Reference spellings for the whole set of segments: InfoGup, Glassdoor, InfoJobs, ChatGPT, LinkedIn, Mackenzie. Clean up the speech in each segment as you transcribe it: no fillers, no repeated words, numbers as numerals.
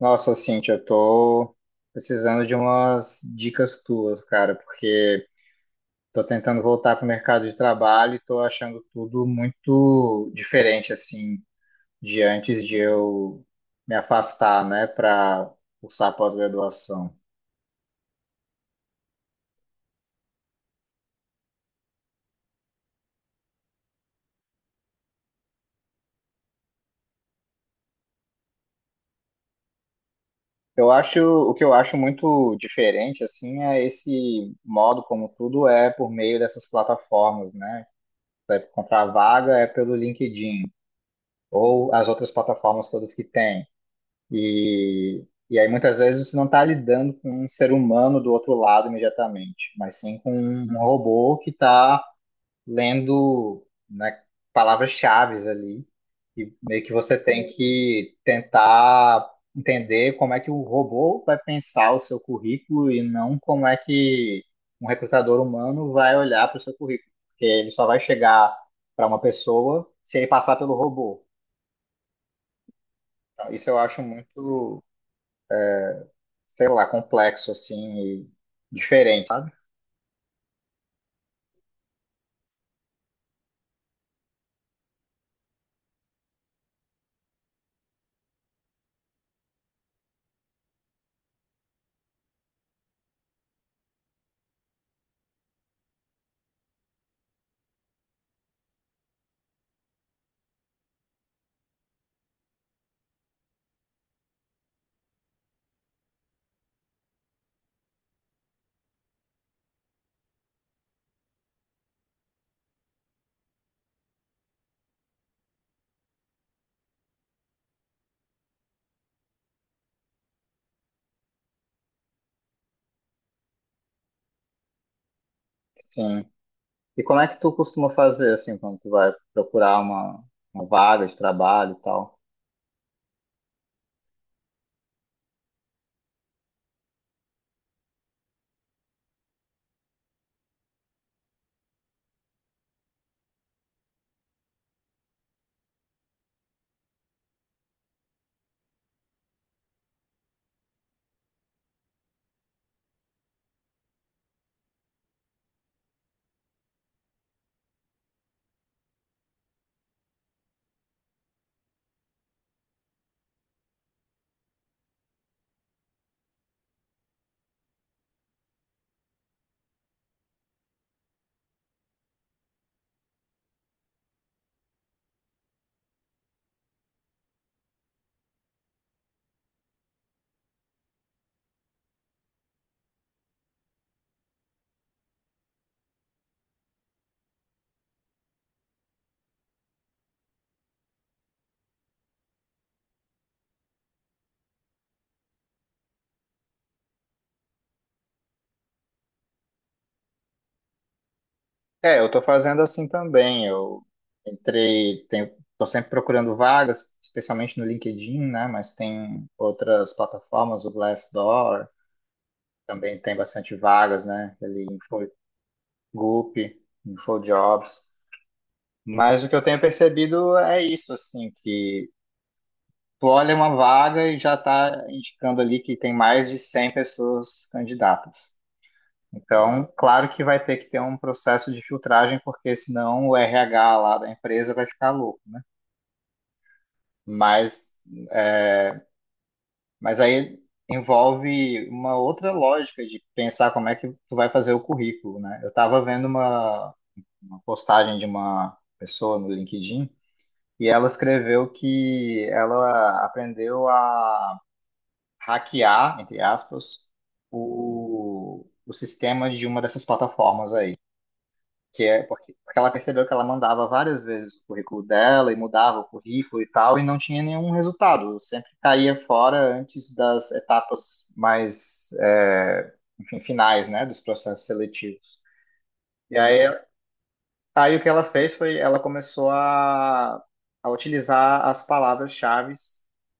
Nossa, Cintia, eu tô precisando de umas dicas tuas, cara, porque tô tentando voltar pro mercado de trabalho e tô achando tudo muito diferente, assim, de antes de eu me afastar, né, para cursar a pós-graduação. Eu acho, o que eu acho muito diferente, assim, é esse modo como tudo é por meio dessas plataformas, né? Vai encontrar vaga é pelo LinkedIn ou as outras plataformas todas que tem. E aí muitas vezes você não está lidando com um ser humano do outro lado imediatamente, mas sim com um robô que está lendo, né, palavras-chaves ali. E meio que você tem que tentar entender como é que o robô vai pensar o seu currículo e não como é que um recrutador humano vai olhar para o seu currículo. Porque ele só vai chegar para uma pessoa se ele passar pelo robô. Então, isso eu acho muito, sei lá, complexo, assim, e diferente, sabe? Sim. E como é que tu costuma fazer, assim, quando tu vai procurar uma vaga de trabalho e tal? É, eu tô fazendo assim também. Eu entrei, tenho, tô sempre procurando vagas, especialmente no LinkedIn, né? Mas tem outras plataformas, o Glassdoor, também tem bastante vagas, né? Ele InfoGup, InfoJobs. Mas o que eu tenho percebido é isso, assim, que tu olha uma vaga e já está indicando ali que tem mais de 100 pessoas candidatas. Então, claro que vai ter que ter um processo de filtragem, porque senão o RH lá da empresa vai ficar louco. Mas, é, mas aí envolve uma outra lógica de pensar como é que tu vai fazer o currículo, né? Eu estava vendo uma postagem de uma pessoa no LinkedIn e ela escreveu que ela aprendeu a hackear, entre aspas, o sistema de uma dessas plataformas aí. Que é porque ela percebeu que ela mandava várias vezes o currículo dela e mudava o currículo e tal, e não tinha nenhum resultado. Sempre caía fora antes das etapas mais, enfim, finais, né, dos processos seletivos. E aí Aí o que ela fez foi, ela começou a utilizar as palavras-chave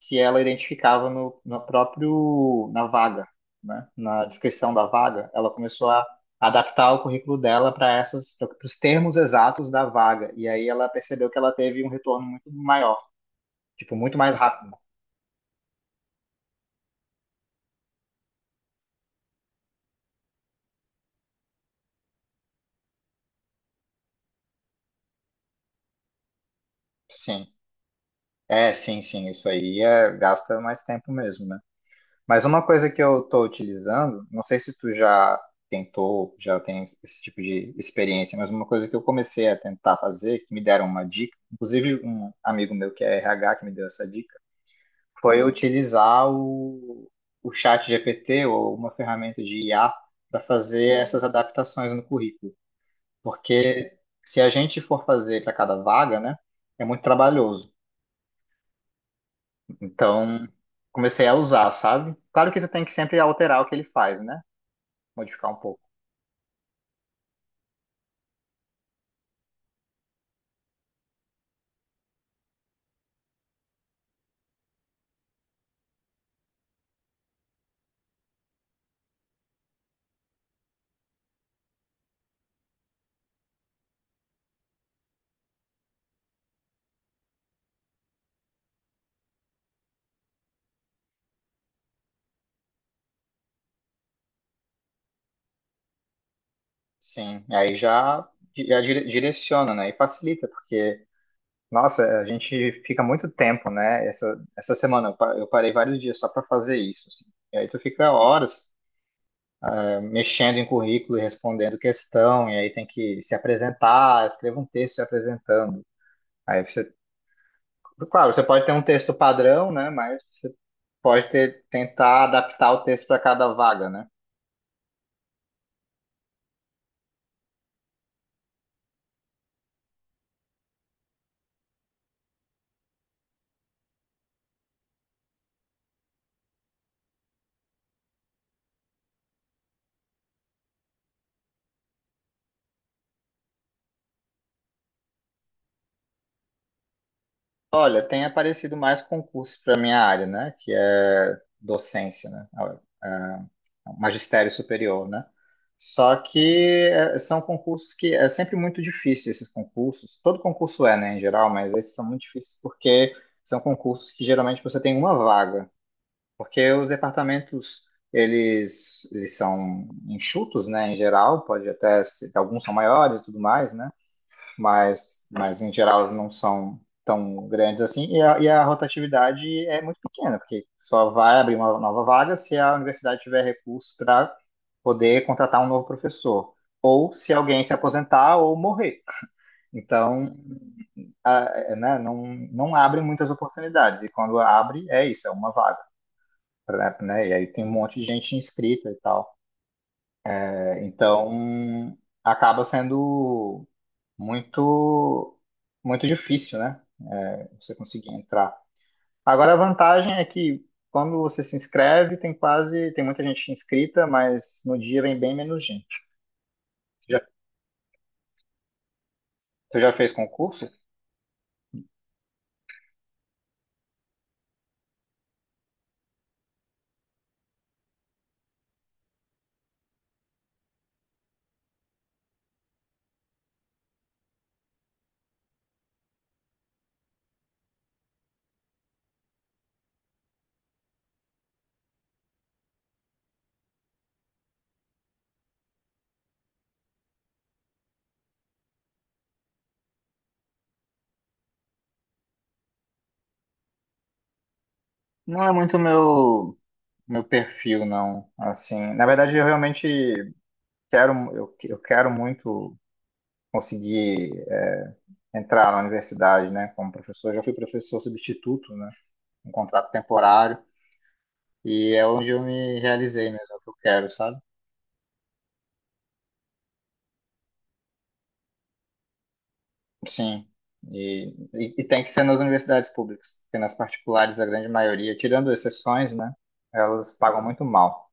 que ela identificava no, no próprio, na vaga, né? Na descrição da vaga, ela começou a adaptar o currículo dela para os termos exatos da vaga. E aí ela percebeu que ela teve um retorno muito maior, tipo, muito mais rápido. Sim. É, sim, sim, isso aí gasta mais tempo mesmo, né? Mas uma coisa que eu estou utilizando, não sei se tu já tentou, já tem esse tipo de experiência, mas uma coisa que eu comecei a tentar fazer, que me deram uma dica, inclusive um amigo meu que é RH que me deu essa dica, foi eu utilizar o chat GPT ou uma ferramenta de IA para fazer essas adaptações no currículo. Porque se a gente for fazer para cada vaga, né, é muito trabalhoso. Então, comecei a usar, sabe? Claro que tu tem que sempre alterar o que ele faz, né? Modificar um pouco. Sim, e aí já direciona, né? E facilita, porque, nossa, a gente fica muito tempo, né? Essa semana eu parei vários dias só para fazer isso, assim. E aí tu fica horas mexendo em currículo e respondendo questão, e aí tem que se apresentar, escreva um texto se apresentando. Aí claro, você pode ter um texto padrão, né? Mas você pode tentar adaptar o texto para cada vaga, né? Olha, tem aparecido mais concursos para minha área, né? Que é docência, né? Ah, Magistério superior, né? Só que são concursos que é sempre muito difícil esses concursos. Todo concurso é, né, em geral, mas esses são muito difíceis porque são concursos que geralmente você tem uma vaga, porque os departamentos eles são enxutos, né, em geral, pode até ser, alguns são maiores e tudo mais, né? Mas em geral não são tão grandes assim, e a rotatividade é muito pequena, porque só vai abrir uma nova vaga se a universidade tiver recursos para poder contratar um novo professor, ou se alguém se aposentar ou morrer. Então, a- né, não, não abre muitas oportunidades, e quando abre, é isso, é uma vaga. E aí tem um monte de gente inscrita e tal. Então, acaba sendo muito, muito difícil, né? Você conseguir entrar. Agora, a vantagem é que quando você se inscreve, tem muita gente inscrita, mas no dia vem bem menos gente. Você já, você já fez concurso? Não é muito meu perfil, não. Assim, na verdade, eu realmente quero, eu quero muito conseguir entrar na universidade, né? Como professor, eu já fui professor substituto, né? Um contrato temporário. E é onde eu me realizei mesmo, é o que eu quero, sabe? Sim. E tem que ser nas universidades públicas, porque nas particulares, a grande maioria, tirando exceções, né, elas pagam muito mal.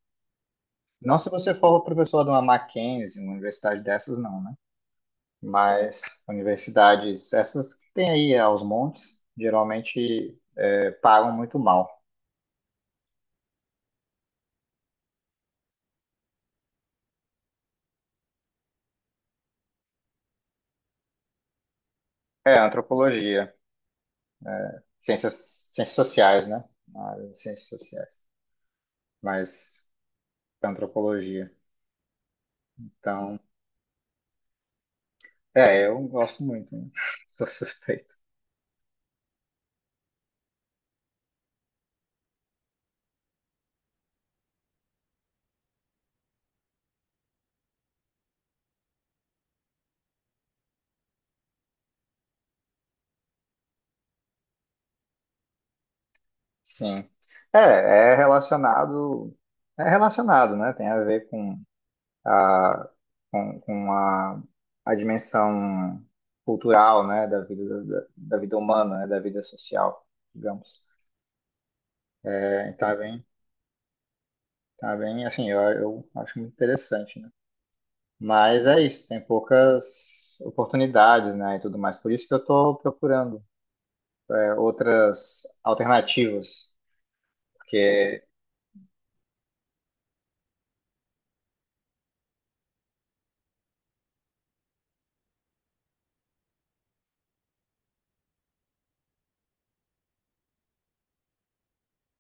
Não se você for professor de uma Mackenzie, uma universidade dessas, não, né? Mas universidades, essas que tem aí aos montes, geralmente pagam muito mal. É, antropologia, ciências sociais, né? Ah, ciências sociais, mas antropologia. Então, É, eu gosto muito, né? Sou suspeito. Sim. É, é relacionado, né? Tem a ver a, com a dimensão cultural, né? Da vida, da vida humana, né? Da vida social, digamos. É, tá bem, assim, eu acho muito interessante, né? Mas é isso, tem poucas oportunidades, né? E tudo mais. Por isso que eu estou procurando, outras alternativas, porque,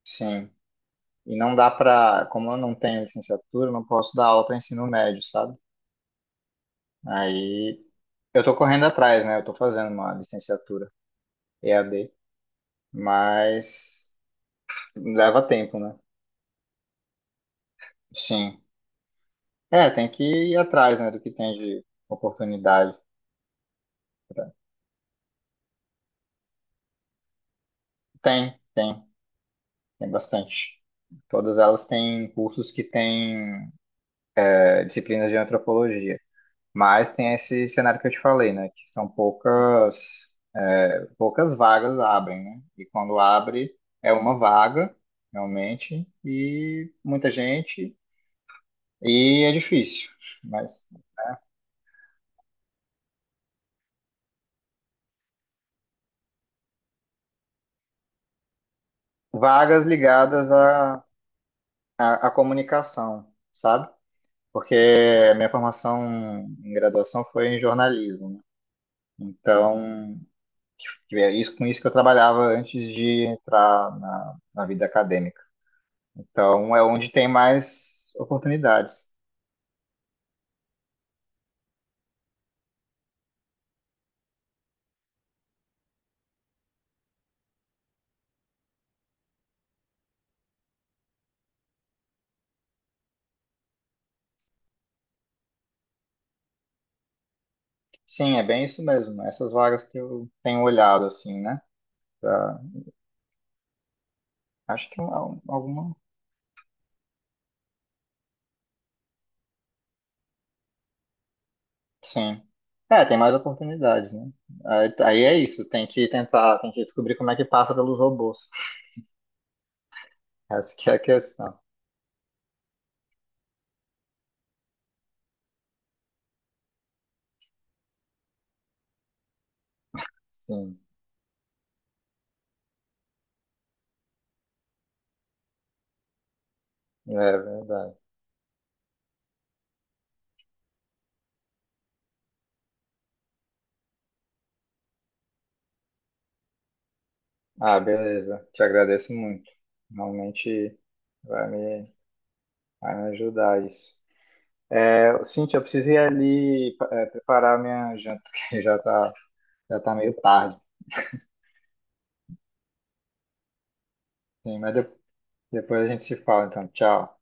sim. E não dá pra, como eu não tenho licenciatura, eu não posso dar aula para ensino médio, sabe? Aí eu tô correndo atrás, né? Eu tô fazendo uma licenciatura EAD, mas leva tempo, né? Sim. É, tem que ir atrás, né, do que tem de oportunidade. pra- Tem, tem, tem bastante. Todas elas têm cursos que têm disciplinas de antropologia, mas tem esse cenário que eu te falei, né, que são poucas vagas abrem, né? E quando abre, é uma vaga, realmente, e muita gente, e é difícil. Mas vagas ligadas à comunicação, sabe? Porque a minha formação em graduação foi em jornalismo, né? Então, é isso, com isso que eu trabalhava antes de entrar na vida acadêmica. Então, é onde tem mais oportunidades. Sim, é bem isso mesmo. Essas vagas que eu tenho olhado, assim, né? Pra- Acho que alguma. Sim. É, tem mais oportunidades, né? Aí é isso, tem que tentar, tem que descobrir como é que passa pelos robôs. Essa que é a questão. Sim, é verdade. Ah, beleza. Te agradeço muito. Realmente vai me, vai me ajudar isso. É, Cintia, eu preciso ir ali preparar minha janta, que já tá meio tarde. Sim, mas depois a gente se fala, então. Tchau.